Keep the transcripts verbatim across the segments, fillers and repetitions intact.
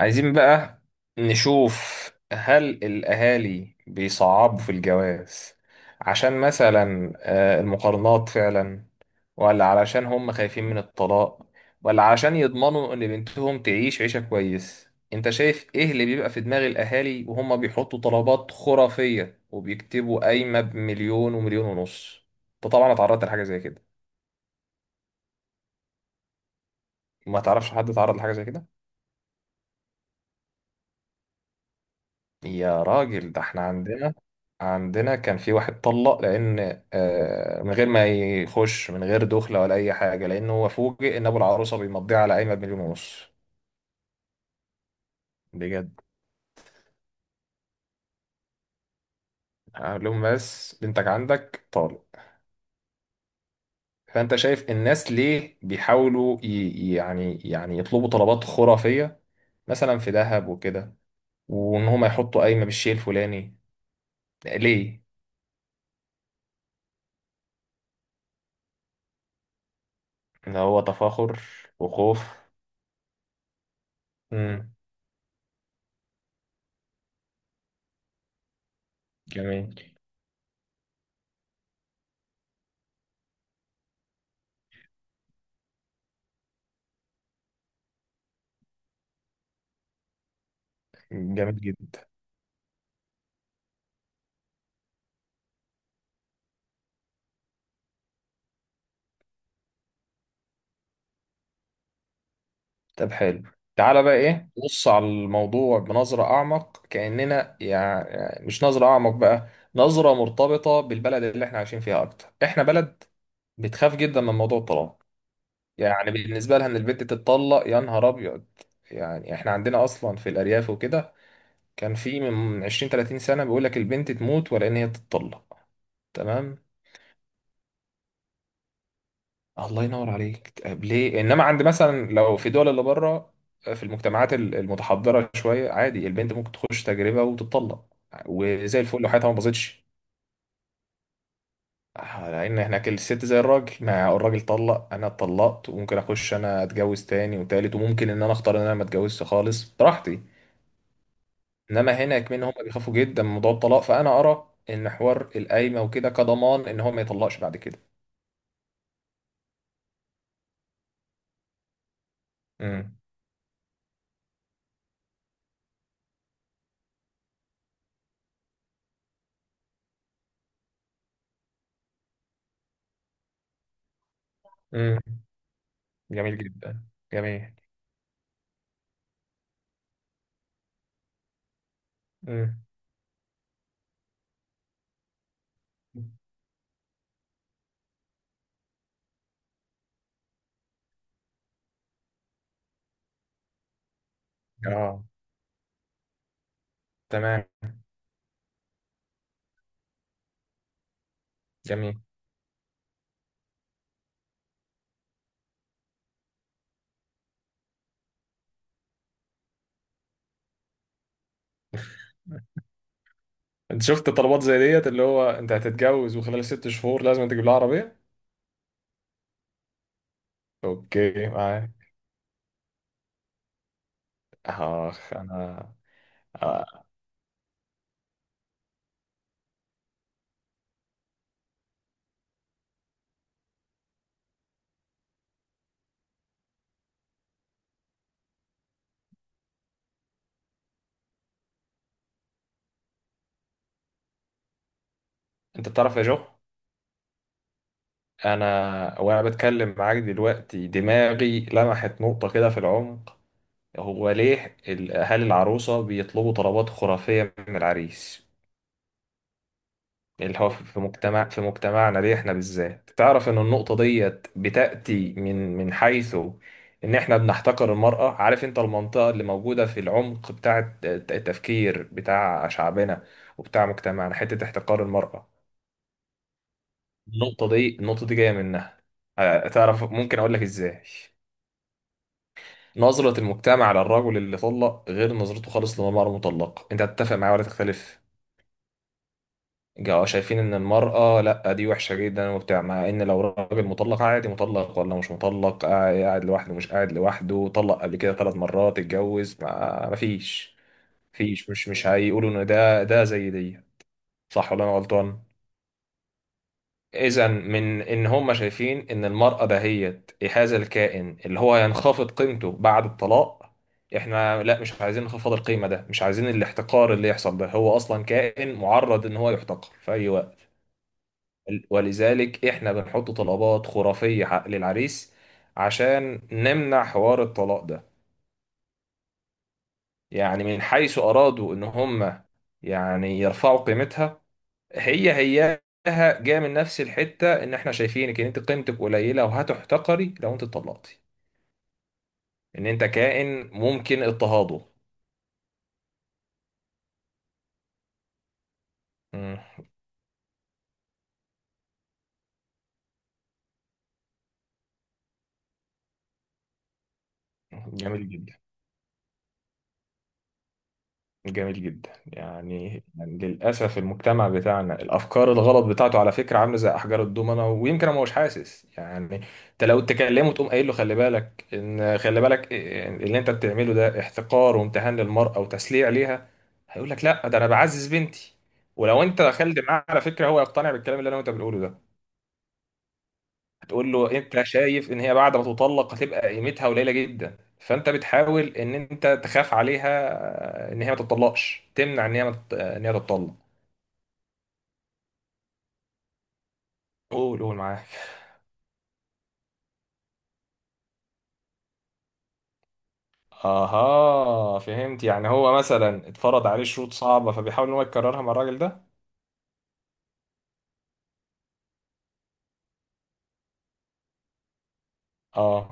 عايزين بقى نشوف، هل الأهالي بيصعبوا في الجواز عشان مثلا آه، المقارنات فعلا، ولا علشان هم خايفين من الطلاق، ولا علشان يضمنوا إن بنتهم تعيش عيشة كويس؟ أنت شايف إيه اللي بيبقى في دماغ الأهالي وهم بيحطوا طلبات خرافية وبيكتبوا قايمة بمليون ومليون ونص؟ أنت طبعا اتعرضت لحاجة زي كده؟ ما تعرفش حد اتعرض لحاجة زي كده؟ يا راجل، ده احنا عندنا عندنا كان في واحد طلق لان آه، من غير ما يخش، من غير دخله ولا اي حاجه، لانه هو فوجئ ان ابو العروسه بيمضيها على قايمه بمليون ونص. بجد. قال لهم بس بنتك عندك طالق. فانت شايف الناس ليه بيحاولوا ي- يعني يعني يطلبوا طلبات خرافيه، مثلا في ذهب وكده، وان هم يحطوا قايمه بالشيء الفلاني؟ ليه؟ اللي هو تفاخر وخوف. امم. جميل. جميل جدا. طب حلو، تعالى بقى ايه، بص على الموضوع بنظرة اعمق، كأننا يعني مش نظرة اعمق بقى، نظرة مرتبطة بالبلد اللي احنا عايشين فيها. اكتر احنا بلد بتخاف جدا من موضوع الطلاق، يعني بالنسبة لها ان البنت تتطلق يا نهار ابيض. يعني احنا عندنا اصلا في الارياف وكده، كان في من عشرين تلاتين سنة بيقول لك البنت تموت ولا ان هي تتطلق. تمام. الله ينور عليك. طب ليه؟ انما عند مثلا لو في دول اللي بره، آه، في المجتمعات ال- المتحضره شويه، عادي البنت ممكن تخش تجربه وتطلق وزي الفل لو حياتها ما باظتش. آه، لان هناك الست زي الراجل. ما الراجل طلق، انا اتطلقت، وممكن اخش انا اتجوز تاني وتالت، وممكن ان انا اختار ان انا ما اتجوزش خالص براحتي. انما هنا كمان هم بيخافوا جدا من موضوع الطلاق. فانا ارى ان حوار القايمه وكده كضمان ان هو ما يطلقش بعد كده. امم. امم. جميل جدا. جميل. امم. اه. تمام. جميل. انت شفت طلبات زي ديت؟ اللي هو انت هتتجوز وخلال ست شهور لازم تجيب لها عربية. اوكي، معاك. اخ انا. آه. انت بتعرف يا جو؟ انا وانا بتكلم معاك دلوقتي دماغي لمحت نقطة كده في العمق. هو ليه ال- اهالي العروسة بيطلبوا طلبات خرافية من العريس؟ اللي هو في مجتمع، في مجتمعنا ليه احنا بالذات؟ تعرف ان النقطة ديت بتأتي من من حيث ان احنا بنحتقر المرأة. عارف انت المنطقة اللي موجودة في العمق بتاع الت- التفكير بتاع شعبنا وبتاع مجتمعنا، حتة احتقار المرأة؟ النقطة دي النقطة دي جاية منها. آه، تعرف ممكن اقول لك ازاي. نظرة المجتمع للرجل اللي طلق غير نظرته خالص للمرأة المطلقة. انت هتتفق معايا ولا تختلف؟ جاوا شايفين ان المرأة لا دي وحشة جدا وبتاع، مع ان لو راجل مطلق عادي، مطلق ولا مش مطلق، قاعد قاعد لوحده، مش قاعد لوحده طلق قبل كده ثلاث مرات اتجوز، ما مفيش مفيش مش مش هيقولوا ان ده ده زي دي. صح ولا انا غلطان؟ اذا من ان هم شايفين ان المرأة دهيت هذا الكائن اللي هو هينخفض قيمته بعد الطلاق، احنا لا مش عايزين انخفاض القيمة ده، مش عايزين الاحتقار اللي يحصل ده، هو اصلا كائن معرض ان هو يحتقر في اي وقت. ولذلك احنا بنحط طلبات خرافية ح- للعريس عشان نمنع حوار الطلاق ده. يعني من حيث ارادوا ان هم يعني يرفعوا قيمتها، هي هياها جاية من نفس الحتة ان احنا شايفينك ان انت قيمتك قليلة وهتحتقري لو انت اتطلقتي، ان انت كائن ممكن اضطهاده. مم. جميل جدا. جميل جدا. يعني يعني للأسف المجتمع بتاعنا الأفكار الغلط بتاعته، على فكرة عاملة زي أحجار الضومنة، ويمكن هو مش حاسس يعني. أنت لو تكلمه تقوم قايل له خلي بالك إن، خلي بالك إن اللي أنت بتعمله ده احتقار وامتهان للمرأة وتسليع ليها، هيقول لك لا ده أنا بعزز بنتي. ولو أنت دخلت معاه على فكرة هو يقتنع بالكلام اللي أنا وأنت بنقوله ده. تقول له انت شايف ان هي بعد ما تطلق هتبقى قيمتها قليله جدا، فانت بتحاول ان انت تخاف عليها، آه، ان هي ما تطلقش، تمنع ان هي ما تط- ان هي تطلق. قول، قول معاك. اها، فهمت. يعني هو مثلا اتفرض عليه شروط صعبه، فبيحاول ان هو يكررها مع الراجل ده. اه،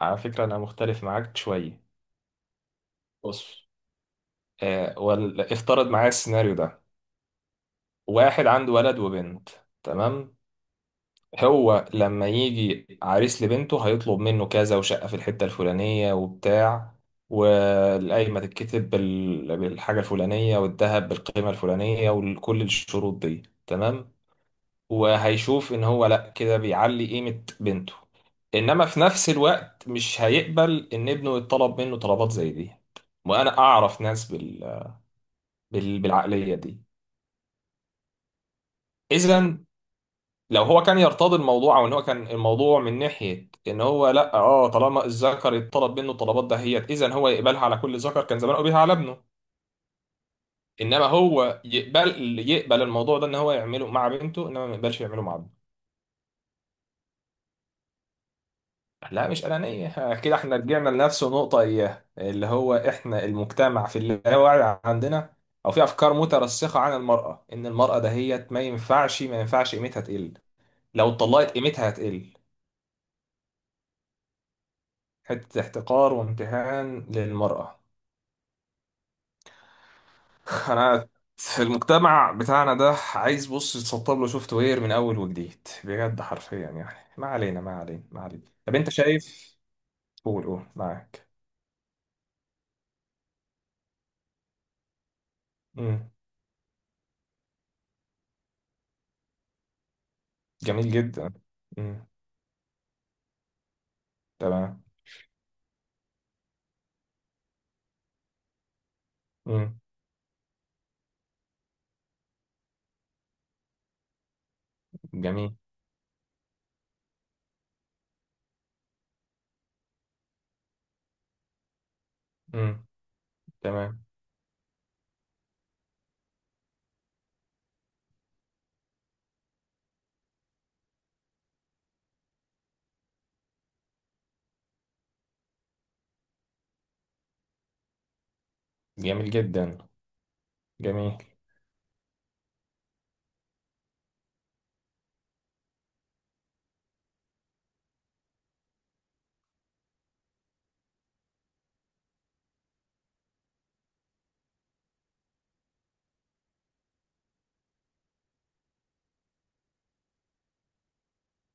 على فكره انا مختلف معاك شويه. بص، آه ولا افترض معايا السيناريو ده. واحد عنده ولد وبنت، تمام؟ هو لما يجي عريس لبنته هيطلب منه كذا، وشقة في الحتة الفلانية وبتاع، والقايمة تتكتب بال- بالحاجة الفلانية، والذهب بالقيمة الفلانية، وكل الشروط دي تمام، وهيشوف ان هو لا كده بيعلي قيمة بنته. انما في نفس الوقت مش هيقبل ان ابنه يطلب منه طلبات زي دي. وانا اعرف ناس بال... بال... بالعقلية دي. اذا لو هو كان يرتضي الموضوع، او ان هو كان الموضوع من ناحيه ان هو لا، اه، طالما الذكر يطلب منه الطلبات دهيت، اذا هو يقبلها على كل ذكر، كان زمان بيها على ابنه. انما هو يقبل يقبل الموضوع ده ان هو يعمله مع بنته انما ما يقبلش يعمله مع ابنه. لا، مش انانيه كده. احنا رجعنا لنفس النقطه اياها، اللي هو احنا المجتمع في اللاوعي عندنا، او في افكار مترسخه عن المراه، ان المراه دهيت ما ينفعش ما ينفعش قيمتها تقل. لو اتطلقت قيمتها هتقل. حته احتقار وامتهان للمراه. انا في المجتمع بتاعنا ده عايز بص يتسطب له سوفت وير من اول وجديد، بجد، حرفيا يعني. ما علينا ما علينا ما علينا. طب انت شايف؟ قول، قول معاك. امم. جميل جدا. امم. تمام. امم. جميل. امم. تمام. جميل جدا. جميل.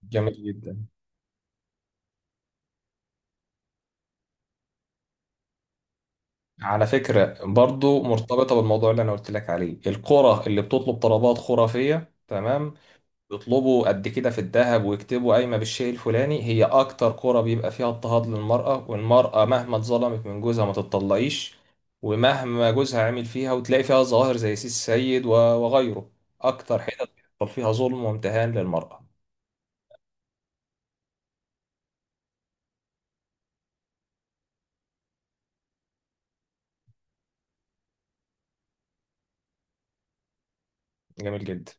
جميل جدا. على فكرة برضو مرتبطة بالموضوع اللي انا قلت لك عليه، القرى اللي بتطلب طلبات خرافية، تمام؟ يطلبوا قد كده في الذهب ويكتبوا قايمة بالشيء الفلاني، هي أكتر كرة بيبقى فيها اضطهاد للمرأة، والمرأة مهما اتظلمت من جوزها ما تتطلقيش، ومهما جوزها عمل فيها، وتلاقي فيها ظواهر زي سيس سيد و- وغيره، أكتر حتت بيحصل فيها ظلم وامتهان للمرأة. جميل جدا.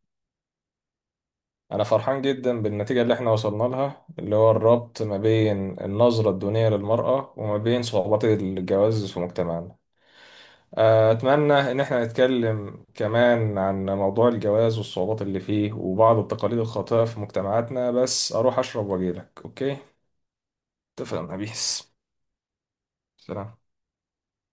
أنا فرحان جدا بالنتيجة اللي احنا وصلنا لها، اللي هو الربط ما بين النظرة الدونية للمرأة وما بين صعوبات الجواز في مجتمعنا. آه، أتمنى إن إحنا نتكلم كمان عن موضوع الجواز والصعوبات اللي فيه وبعض التقاليد الخاطئة في مجتمعاتنا، بس أروح أشرب وأجيلك، أوكي؟ اتفقنا. بيس. سلام.